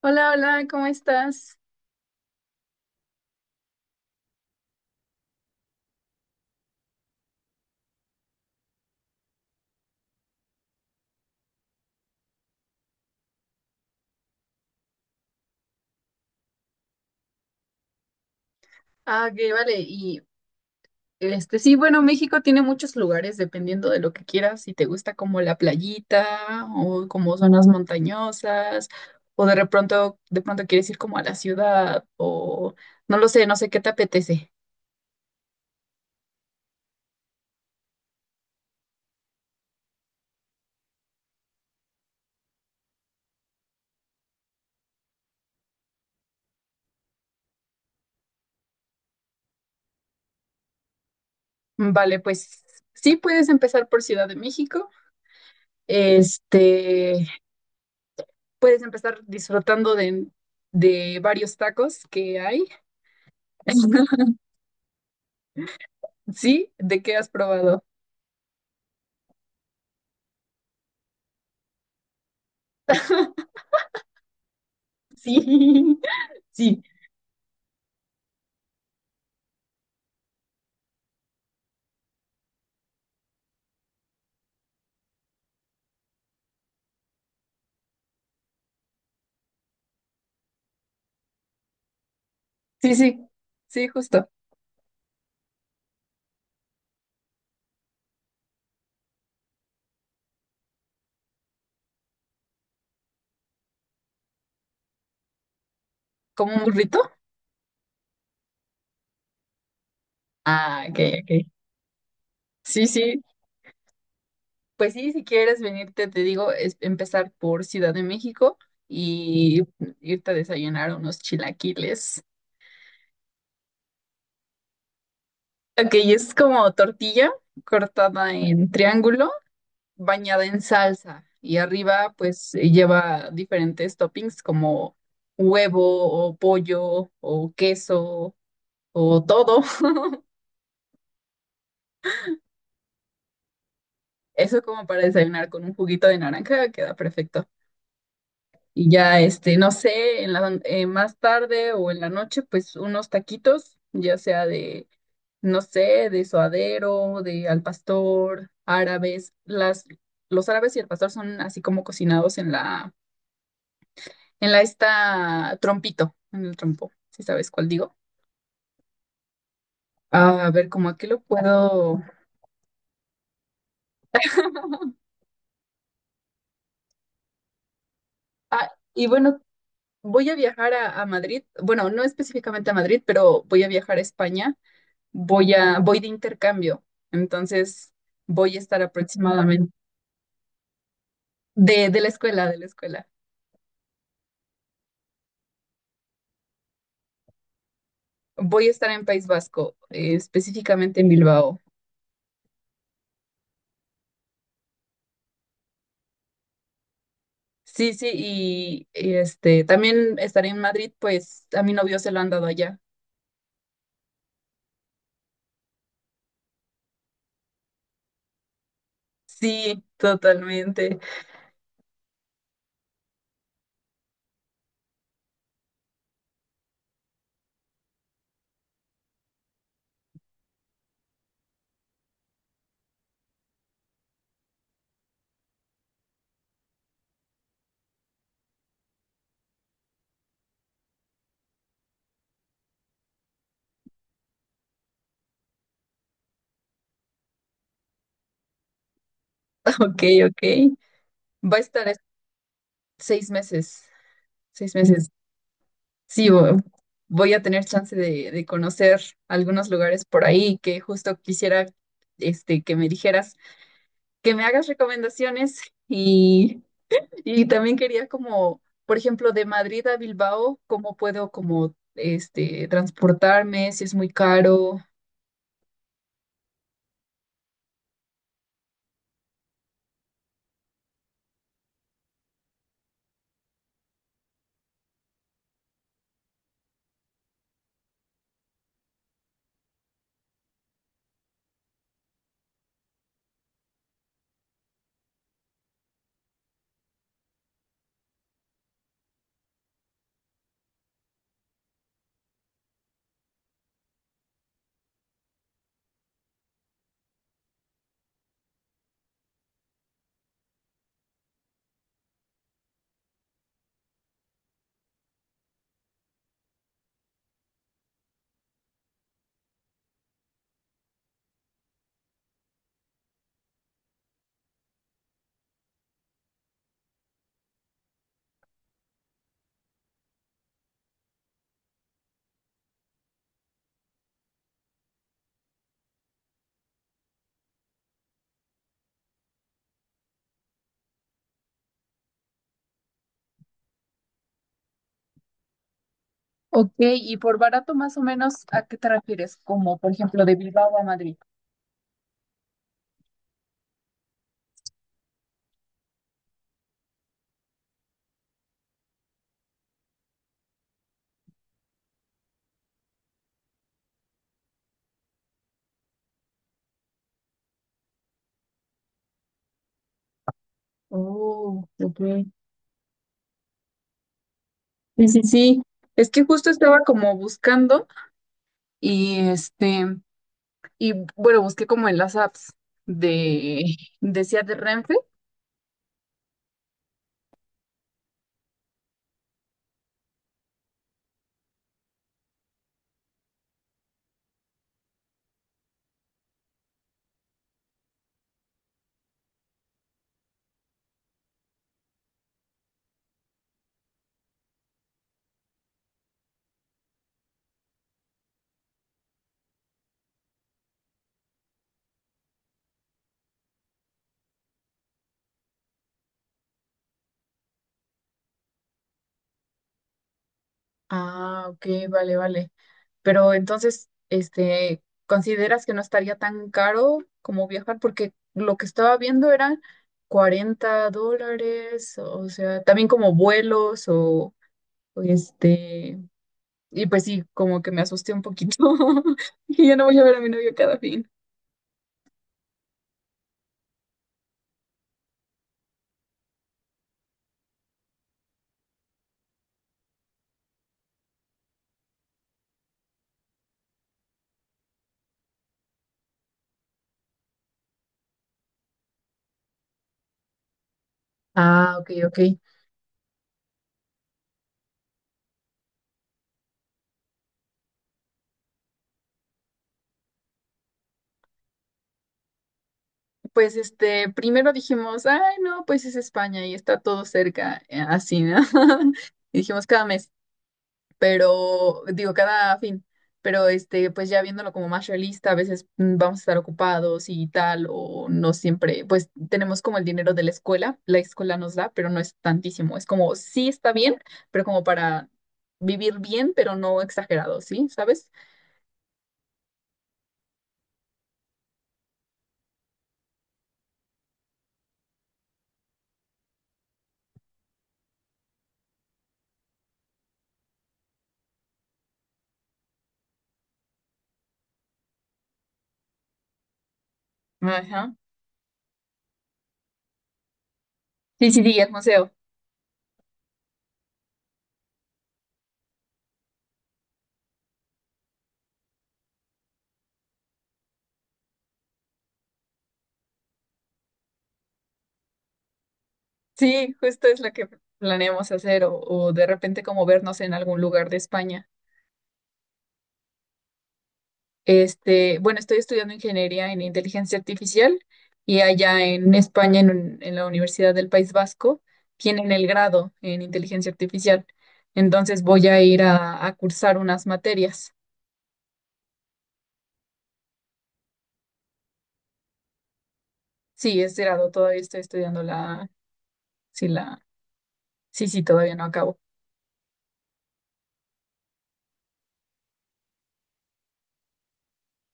Hola, hola, ¿cómo estás? Ah, ok, vale. Y este, sí, bueno, México tiene muchos lugares dependiendo de lo que quieras, si te gusta como la playita o como zonas montañosas o de pronto quieres ir como a la ciudad o no lo sé, no sé qué te apetece. Vale, pues sí puedes empezar por Ciudad de México. Este, puedes empezar disfrutando de varios tacos que hay. Sí, ¿de qué has probado? Sí. Sí, sí, sí, sí, justo. ¿Como un burrito? Ah, ok, ok. Sí, sí. Pues sí, si quieres venirte, te digo, es empezar por Ciudad de México y irte a desayunar unos chilaquiles. Ok, es como tortilla cortada en triángulo, bañada en salsa y arriba pues lleva diferentes toppings como huevo o pollo o queso o todo. Eso es como para desayunar con un juguito de naranja, queda perfecto. Y ya, este, no sé, más tarde o en la noche, pues unos taquitos, ya sea no sé, de suadero, de al pastor, árabes. Los árabes y el pastor son así como cocinados en la esta trompito, en el trompo, si sabes cuál digo. Ah, a ver, ¿cómo aquí lo puedo? Ah, y bueno, voy a viajar a Madrid, bueno, no específicamente a Madrid, pero voy a viajar a España. Voy de intercambio, entonces voy a estar aproximadamente de la escuela. Voy a estar en País Vasco, específicamente en Bilbao. Sí, sí, y este también estaré en Madrid, pues a mi novio se lo han dado allá. Sí, totalmente. Ok, ok. Va a estar es- 6 meses, 6 meses. Sí, voy a tener chance de conocer algunos lugares por ahí que justo quisiera este, que me dijeras, que me hagas recomendaciones y, y también quería como, por ejemplo, de Madrid a Bilbao, cómo puedo como este, transportarme, si es muy caro. Ok, y por barato más o menos, ¿a qué te refieres? Como por ejemplo de Bilbao a Madrid. Oh, ok. Sí, sí, sí. Es que justo estaba como buscando y este, y bueno, busqué como en las apps de, decía de Renfe. Ah, ok, vale, vale. Pero entonces, este, ¿consideras que no estaría tan caro como viajar? Porque lo que estaba viendo eran $40, o sea, también como vuelos o este, y pues sí, como que me asusté un poquito. Y ya no voy a ver a mi novio cada fin. Ah, ok, ok. Pues este, primero dijimos, ay, no, pues es España y está todo cerca, así, ¿no? Y dijimos cada mes, pero digo, cada fin, pero este, pues ya viéndolo como más realista, a veces vamos a estar ocupados y tal, o no siempre, pues tenemos como el dinero de la escuela nos da, pero no es tantísimo, es como, sí está bien, pero como para vivir bien, pero no exagerado, ¿sí? ¿Sabes? Ajá. Sí, sí, sí, el museo. Sí, justo es lo que planeamos hacer o de repente como vernos en algún lugar de España. Este, bueno, estoy estudiando ingeniería en inteligencia artificial y allá en España, en la Universidad del País Vasco, tienen el grado en inteligencia artificial. Entonces voy a ir a cursar unas materias. Sí, es grado, todavía estoy estudiando la, sí, la, sí, sí, todavía no acabo.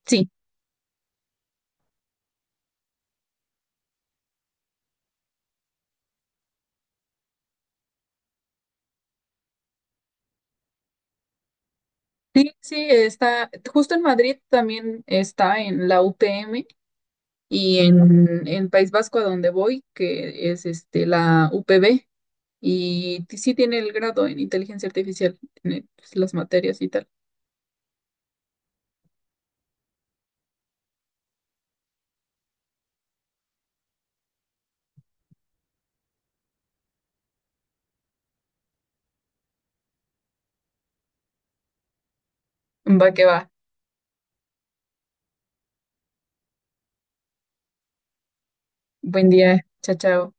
Sí, sí, sí, está, justo en Madrid también está en la UPM. Y en País Vasco, a donde voy, que es este, la UPB, y sí tiene el grado en inteligencia artificial, tiene pues, las materias y tal. Va que va. Buen día. Chao, chao.